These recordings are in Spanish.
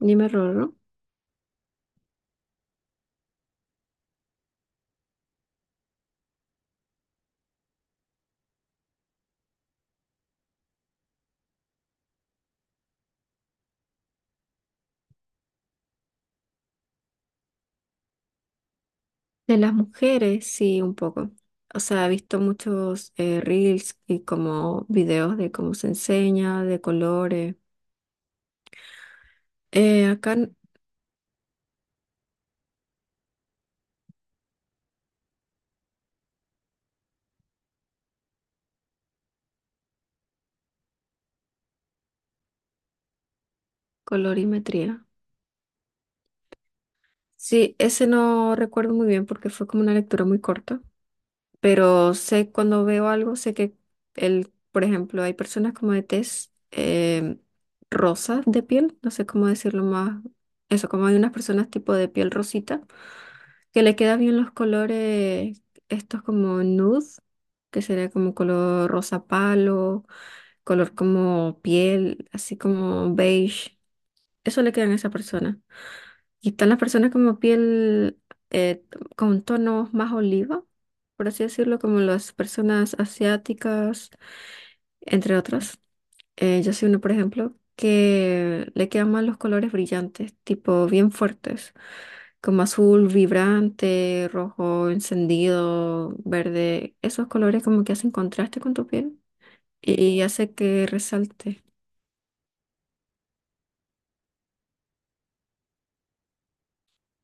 Dime, Rorro. De las mujeres, sí, un poco. O sea, he visto muchos reels y como videos de cómo se enseña, de colores. Acá, en colorimetría. Sí, ese no recuerdo muy bien porque fue como una lectura muy corta, pero sé cuando veo algo, sé que el, por ejemplo, hay personas como de tez rosa de piel, no sé cómo decirlo más, eso, como hay unas personas tipo de piel rosita que le queda bien los colores, estos como nude, que sería como color rosa palo, color como piel, así como beige. Eso le quedan a esa persona. Y están las personas como piel eh, con tonos más oliva, por así decirlo, como las personas asiáticas, entre otras. Yo soy uno, por ejemplo, que le quedan mal los colores brillantes, tipo bien fuertes, como azul vibrante, rojo encendido, verde. Esos colores como que hacen contraste con tu piel y hace que resalte.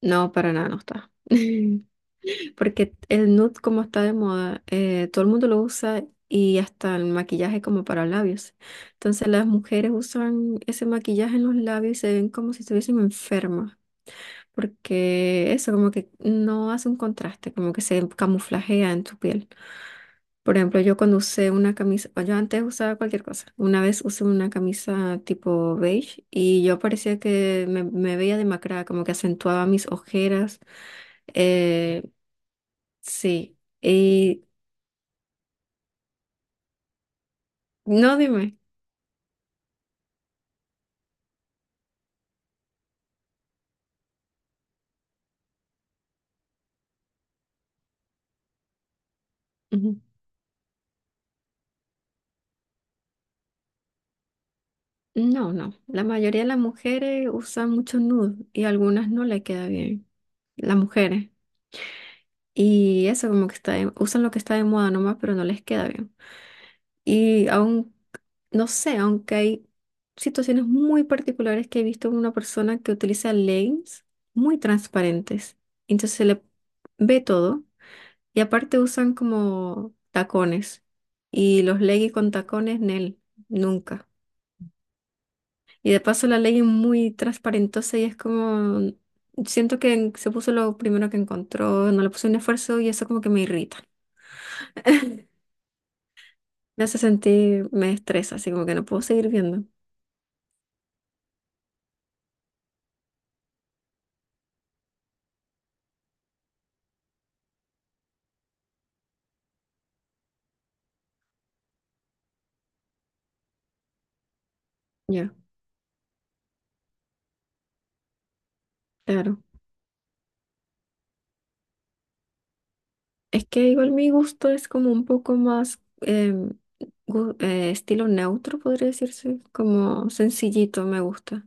No, para nada no está. Porque el nude como está de moda, todo el mundo lo usa y hasta el maquillaje como para labios. Entonces las mujeres usan ese maquillaje en los labios y se ven como si estuviesen enfermas. Porque eso como que no hace un contraste, como que se camuflajea en tu piel. Por ejemplo, yo cuando usé una camisa, o yo antes usaba cualquier cosa, una vez usé una camisa tipo beige y yo parecía que me veía demacrada, como que acentuaba mis ojeras. Eh, sí, y no dime. Ujú. No, la mayoría de las mujeres usan mucho nude y algunas no le queda bien, las mujeres. Y eso como que está, usan lo que está de moda nomás, pero no les queda bien. Y aún, no sé, aunque hay situaciones muy particulares que he visto en una persona que utiliza lentes muy transparentes. Entonces se le ve todo y aparte usan como tacones. Y los leggings con tacones, Nel, nunca. Y de paso la legging muy transparentosa y es como, siento que se puso lo primero que encontró, no le puso un esfuerzo y eso como que me irrita. Me hace sentir, me estresa, así como que no puedo seguir viendo. Ya, claro. Es que igual mi gusto es como un poco más estilo neutro, podría decirse, como sencillito me gusta.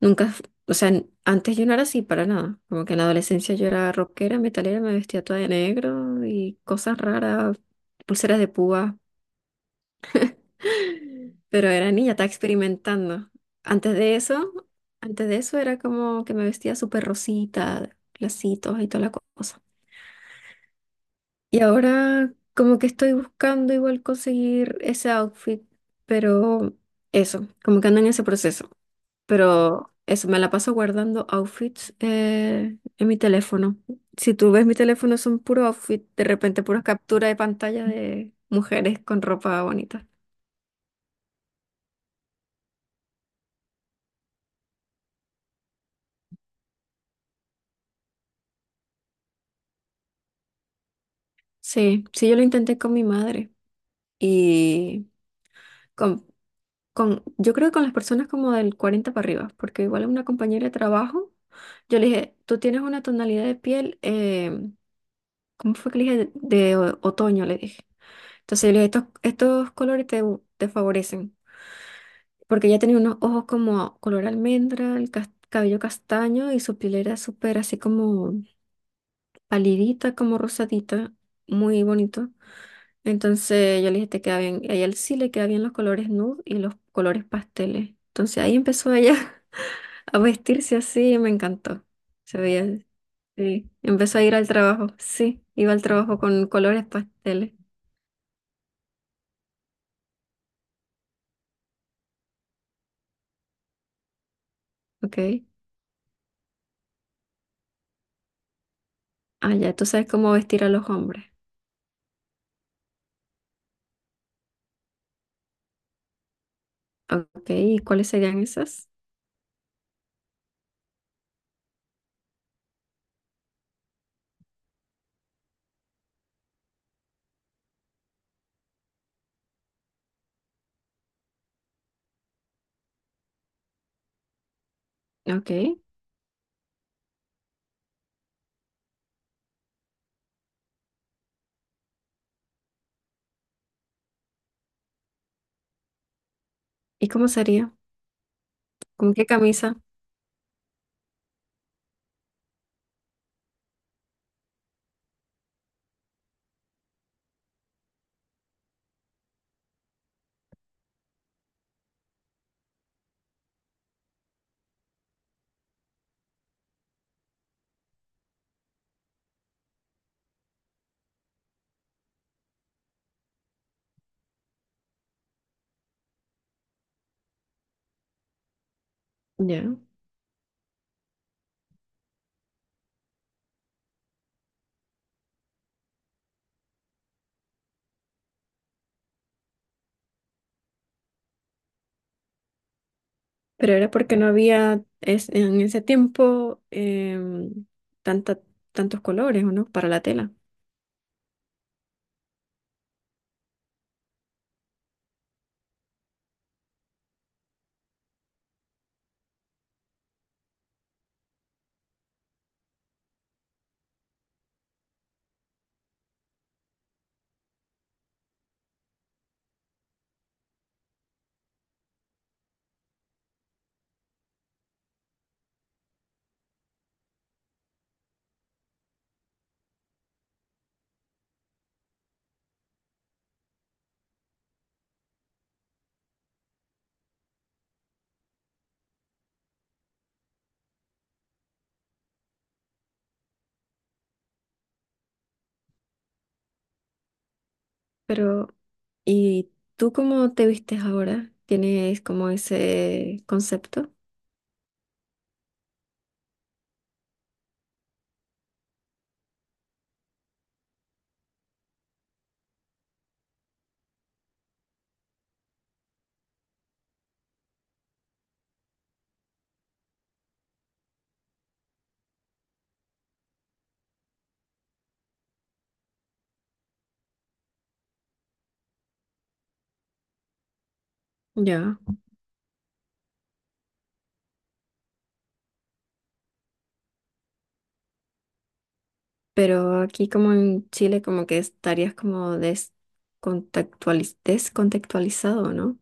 Nunca, o sea, antes yo no era así para nada. Como que en la adolescencia yo era rockera, metalera, me vestía toda de negro y cosas raras, pulseras de púa. Pero era niña, estaba experimentando. Antes de eso, antes de eso era como que me vestía súper rosita, lacitos y toda la cosa. Y ahora como que estoy buscando igual conseguir ese outfit, pero eso, como que ando en ese proceso. Pero eso, me la paso guardando outfits en mi teléfono. Si tú ves mi teléfono son puros outfits de repente puras capturas de pantalla de mujeres con ropa bonita. Sí, sí, yo lo intenté con mi madre y con, yo creo que con las personas como del 40 para arriba, porque igual a una compañera de trabajo, yo le dije, tú tienes una tonalidad de piel, ¿cómo fue que le dije? De otoño, le dije. Entonces yo le dije, estos colores te favorecen, porque ella tenía unos ojos como color almendra, el cabello castaño y su piel era súper así como palidita, como rosadita, muy bonito. Entonces yo le dije, te queda bien. Y a ella sí le queda bien los colores nude y los colores pasteles. Entonces ahí empezó ella a vestirse así, me encantó. Se veía, sí. Empezó a ir al trabajo. Sí, iba al trabajo con colores pasteles. Ok. Ah, ya, tú sabes cómo vestir a los hombres. Ok, ¿y cuáles serían esas? Ok. ¿Y cómo sería? ¿Con qué camisa? Ya. Pero era porque no había en ese tiempo tanta, tantos colores, ¿o no? Para la tela. Pero, ¿y tú cómo te vistes ahora? ¿Tienes como ese concepto? Ya. Pero aquí como en Chile como que estarías como descontextualizado, ¿no?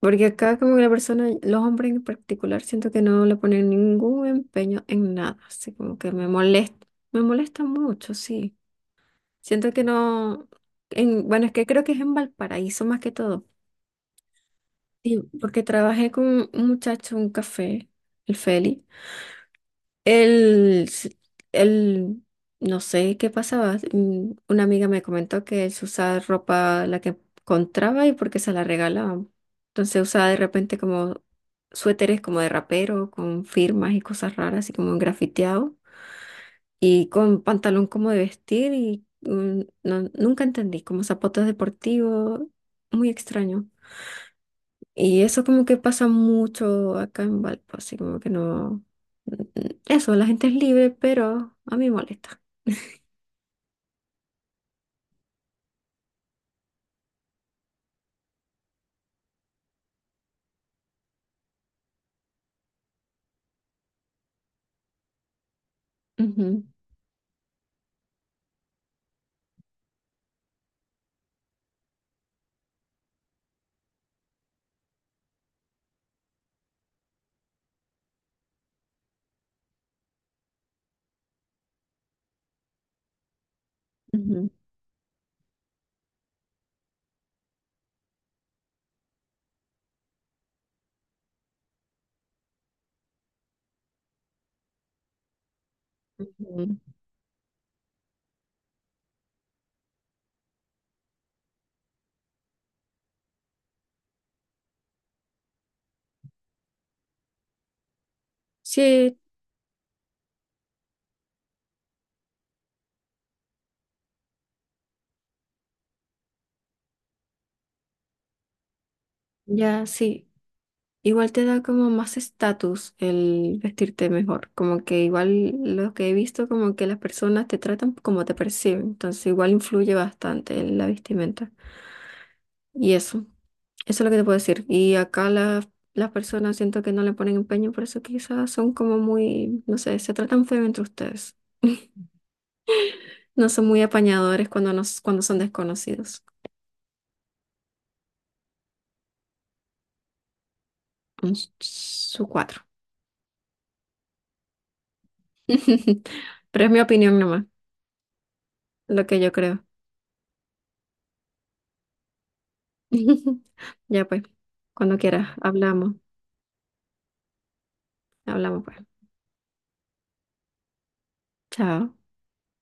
Porque acá como que la persona, los hombres en particular, siento que no le ponen ningún empeño en nada, así como que me molesta mucho, sí. Siento que no, en, bueno, es que creo que es en Valparaíso más que todo. Sí, porque trabajé con un muchacho, en un café, el Feli. El, s- el, no sé qué pasaba. Una amiga me comentó que él usaba ropa la que encontraba y porque se la regalaban. Entonces usaba de repente como suéteres como de rapero, con firmas y cosas raras, así como grafiteado, y con pantalón como de vestir y nunca entendí, como zapatos deportivos, muy extraño. Y eso como que pasa mucho acá en Valpo, así como que no... mm, Eso, la gente es libre, pero a mí molesta. Ujú, ujú. Ujú. Sí, ya, sí. Igual te da como más estatus el vestirte mejor, como que igual lo que he visto, como que las personas te tratan como te perciben, entonces igual influye bastante en la vestimenta. Y eso es lo que te puedo decir. Y acá las personas siento que no le ponen empeño, por eso quizás son como muy, no sé, se tratan feo entre ustedes. No son muy apañadores cuando, cuando son desconocidos. Su cuatro. Pero es mi opinión nomás, lo que yo creo. Ya pues, cuando quieras, hablamos, hablamos pues. Chao.